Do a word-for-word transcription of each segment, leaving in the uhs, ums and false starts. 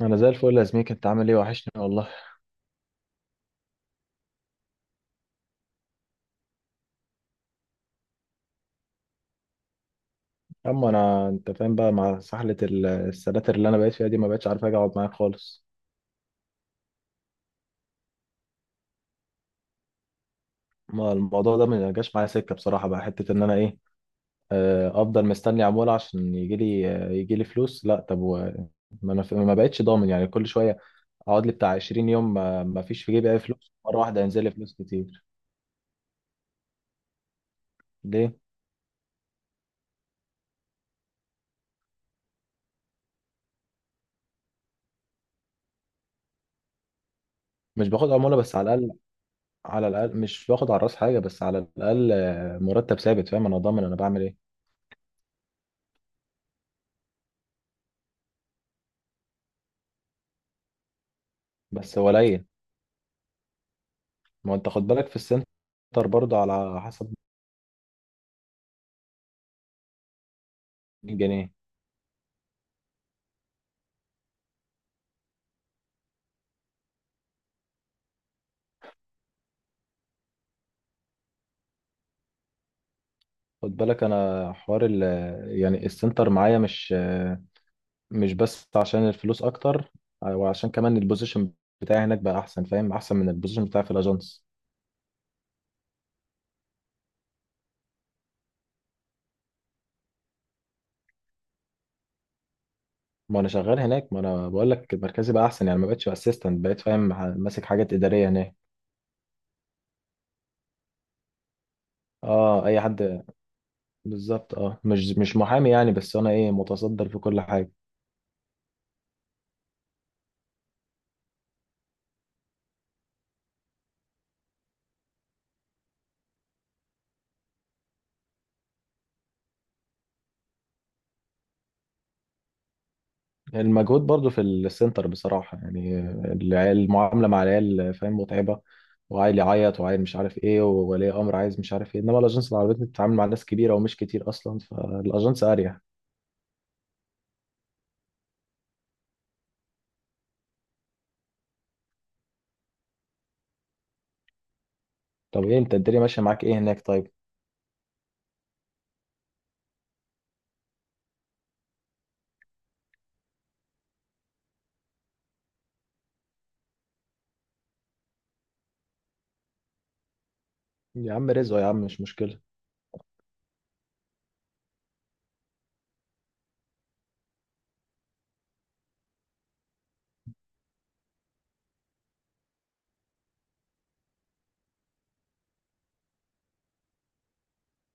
انا زي الفل يا زميك، انت عامل ايه؟ وحشني والله. اما انا، انت فاهم بقى، مع سحله ال- السناتر اللي انا بقيت فيها دي، ما بقتش عارف اجي اقعد معاك خالص. ما الموضوع ده ما جاش معايا سكه بصراحه، بقى حته ان انا ايه، آه، افضل مستني عموله عشان يجي لي، آه، يجي لي فلوس. لا طب و- ما انا ف- ما بقتش ضامن، يعني كل شويه اقعد لي بتاع 20 يوم ما ما فيش في جيبي اي فلوس، مره واحده ينزل لي فلوس كتير. ليه؟ مش باخد عموله، بس على الاقل. على الاقل مش باخد على الراس حاجه، بس على الاقل آه، مرتب ثابت، فاهم؟ انا ضامن، انا بعمل ايه. بس قليل. ما انت خد بالك، في السنتر برضه على حسب. مية جنيه. خد بالك، انا حوار ال، يعني السنتر معايا، مش مش بس عشان الفلوس اكتر، وعشان كمان البوزيشن بتاعي هناك بقى احسن، فاهم؟ احسن من البوزيشن بتاعي في الاجانس. ما انا شغال هناك، ما انا بقول لك مركزي بقى احسن، يعني ما بقتش اسيستنت، بقيت فاهم ح- ماسك حاجات اداريه هناك. اه، اي حد. بالظبط اه، مش مش محامي يعني، بس انا ايه، متصدر في كل حاجه. المجهود برضو في السنتر بصراحة، يعني العيال- المعاملة مع العيال، فاهم؟ متعبة. وعيل يعيط، وعيل مش عارف ايه، وولي امر عايز مش عارف ايه، انما الاجنس العربية بتتعامل مع ناس كبيرة ومش كتير اصلا، فالاجنس اريح. طب ايه انت، الدنيا ماشية معاك ايه هناك طيب؟ يا عم رزقه، يا عم، مش مشكلة.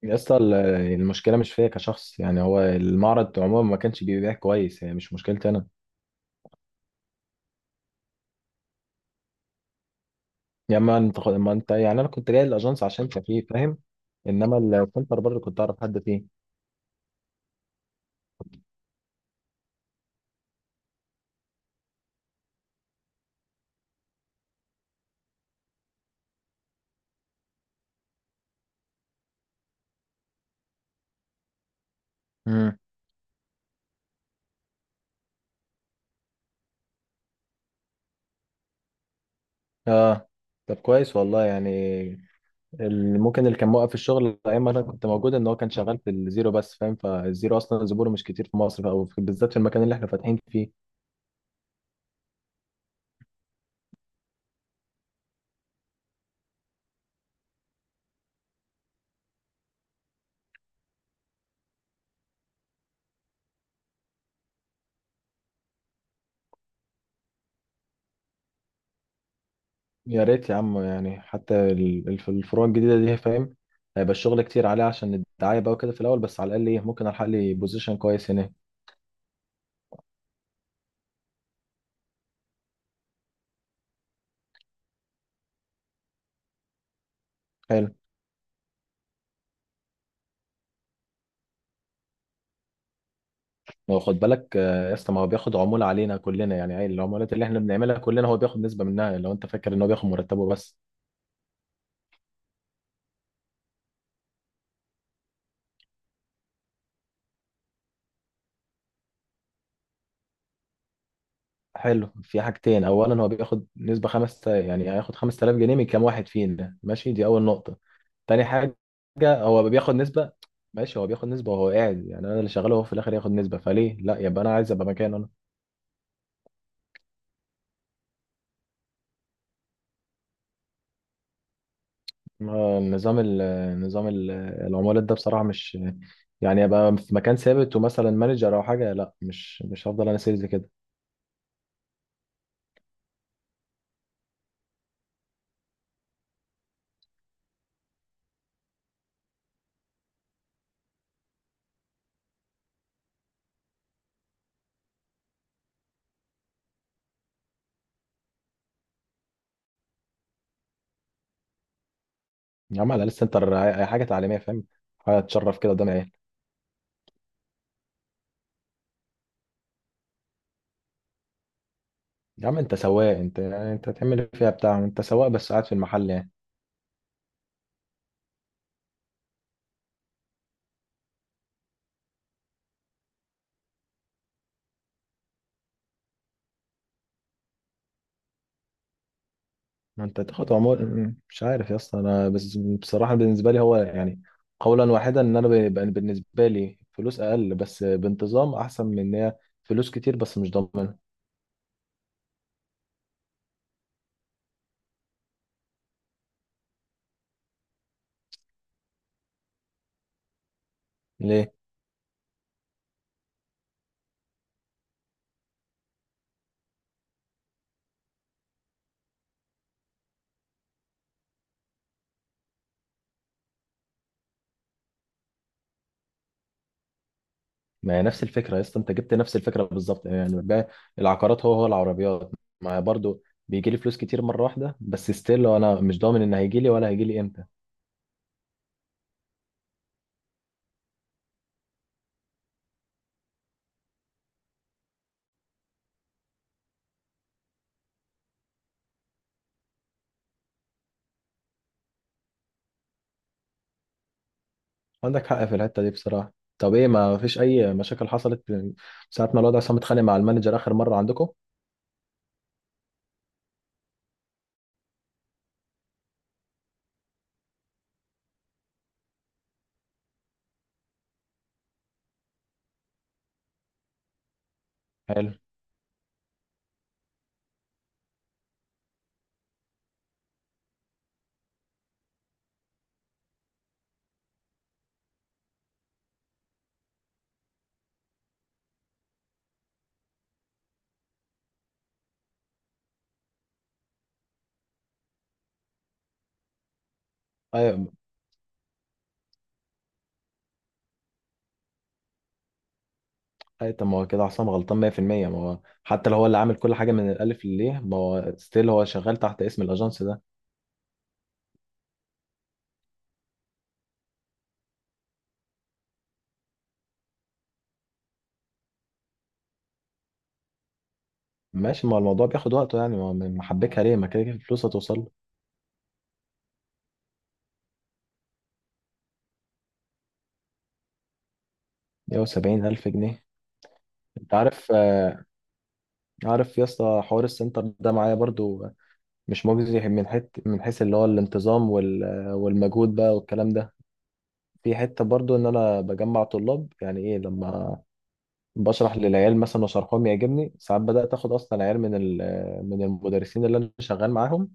يا اسطى ال- المشكلة مش فيا كشخص، يعني هو المعرض عموما ما كانش بيبيع كويس، يعني مش مشكلتي انا. يا اما انت خ- ما انت يعني، انا كنت جاي الاجنس عشان كان فيه، فاهم؟ انما السنتر برضه كنت اعرف حد فيه. مم. اه. طب كويس والله يعني. ال- ممكن اللي كان موقف الشغل ايام ما انا كنت موجود، ان هو كان شغال في الزيرو بس، فاهم؟ فالزيرو اصلا زبونه مش كتير في مصر، او في- بالذات في المكان اللي احنا فاتحين فيه. يا ريت يا عم، يعني حتى ال- الف- الفروع الجديده دي، فاهم؟ هيبقى الشغل كتير عليه عشان الدعايه بقى وكده في الاول، بس على الاقل ايه، ممكن الحق لي بوزيشن كويس هناك. حلو. هو خد بالك آه، يا اسطى، ما هو بياخد عموله علينا كلنا، يعني أي العمولات اللي احنا بنعملها كلنا هو بياخد نسبه منها، لو انت فاكر ان هو بياخد مرتبه بس. حلو، في حاجتين. اولا، هو بياخد نسبه خمس، يعني هياخد خمس تلاف جنيه من كام واحد فينا؟ ماشي، دي اول نقطه. تاني حاجه، هو بياخد نسبه. ماشي، هو بياخد نسبه وهو قاعد، يعني انا اللي شغاله هو في الاخر ياخد نسبه، فليه لا يبقى انا عايز ابقى مكانه انا. ما- نظام ال- نظام ال- العمولات ده بصراحه مش، يعني ابقى في مكان ثابت ومثلا مانجر او حاجه، لا، مش مش هفضل انا سيلز كده. يا عم على الاقل السنتر عاي- حاجه تعليميه فاهم، حاجه تشرف كده قدام العيال. يا عم انت سواق، انت يعني انت هتعمل إيه فيها بتاع؟ انت سواق بس قاعد في المحل يعني. ما انت تاخد عمر م- مش عارف يا اسطى، انا بس بصراحه بالنسبه لي هو يعني، قولا واحدا، ان انا ب- بقى بالنسبه لي فلوس اقل بس بانتظام، احسن من ان هي فلوس كتير بس مش ضامنه. ليه؟ ما هي نفس الفكره يا اسطى، انت جبت نفس الفكره بالظبط يعني، بقى العقارات هو هو العربيات. ما هي برضو بيجي لي فلوس كتير مره واحده، بس ستيل انا مش ضامن ان هيجي لي ولا هيجي لي امتى. عندك حق في الحته دي بصراحه. طب ايه، ما فيش اي مشاكل حصلت من ساعه ما الوضع، عصام اتخانق مع المانجر اخر مره عندكم؟ حلو. ايوه. اي طب ما هو كده حسام غلطان مية في المية. ما هو حتى لو هو اللي عامل كل حاجه من الالف لليه، ما هو ستيل هو شغال تحت اسم الاجانس ده. ماشي، ما هو الموضوع بياخد وقته يعني، ما هو محبكها ليه، ما كده كده الفلوس هتوصل له. مية وسبعين الف جنيه؟ انت عارف آه، عارف يا اسطى، حوار السنتر ده معايا برضو مش مجزي، من حيث من حيث اللي هو الانتظام وال آه، والمجهود بقى والكلام ده. في حته برضو ان انا بجمع طلاب، يعني ايه لما بشرح للعيال مثلا وشرحهم يعجبني ساعات، بدات اخد اصلا عيال من ال- آه، من المدرسين اللي انا شغال معاهم،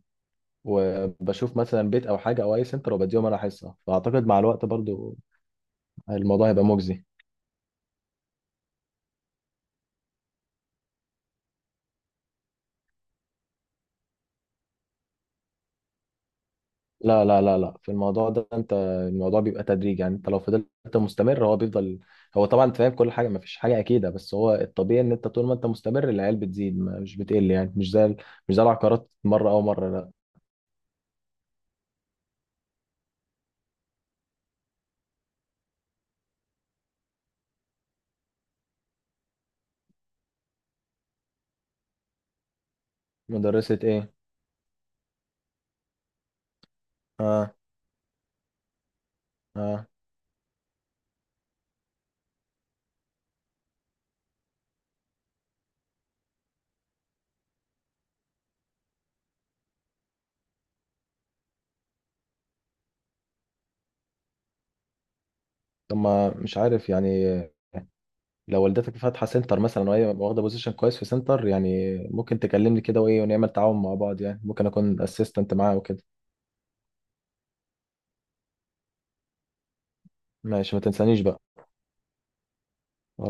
وبشوف مثلا بيت او حاجه او اي سنتر وبديهم انا حصه، فاعتقد مع الوقت برضو الموضوع هيبقى مجزي. لا، لا، لا، لا، في الموضوع ده انت، الموضوع بيبقى تدريج، يعني انت لو فضلت مستمر هو بيفضل. هو طبعا، انت فاهم كل حاجه، ما فيش حاجه اكيده، بس هو الطبيعي ان انت طول ما انت مستمر العيال بتزيد، ما- مش بتقل، يعني مش زي ال- مش زي العقارات مره او مره، لا. مدرسه ايه؟ اه. اه. طب ما مش عارف يعني، لو والدتك فاتحه سنتر مثلا وهي واخده بوزيشن كويس في سنتر يعني، ممكن تكلمني كده وايه، ونعمل تعاون مع بعض، يعني ممكن اكون اسيستنت معاها وكده. ماشي، ما تنسانيش بقى.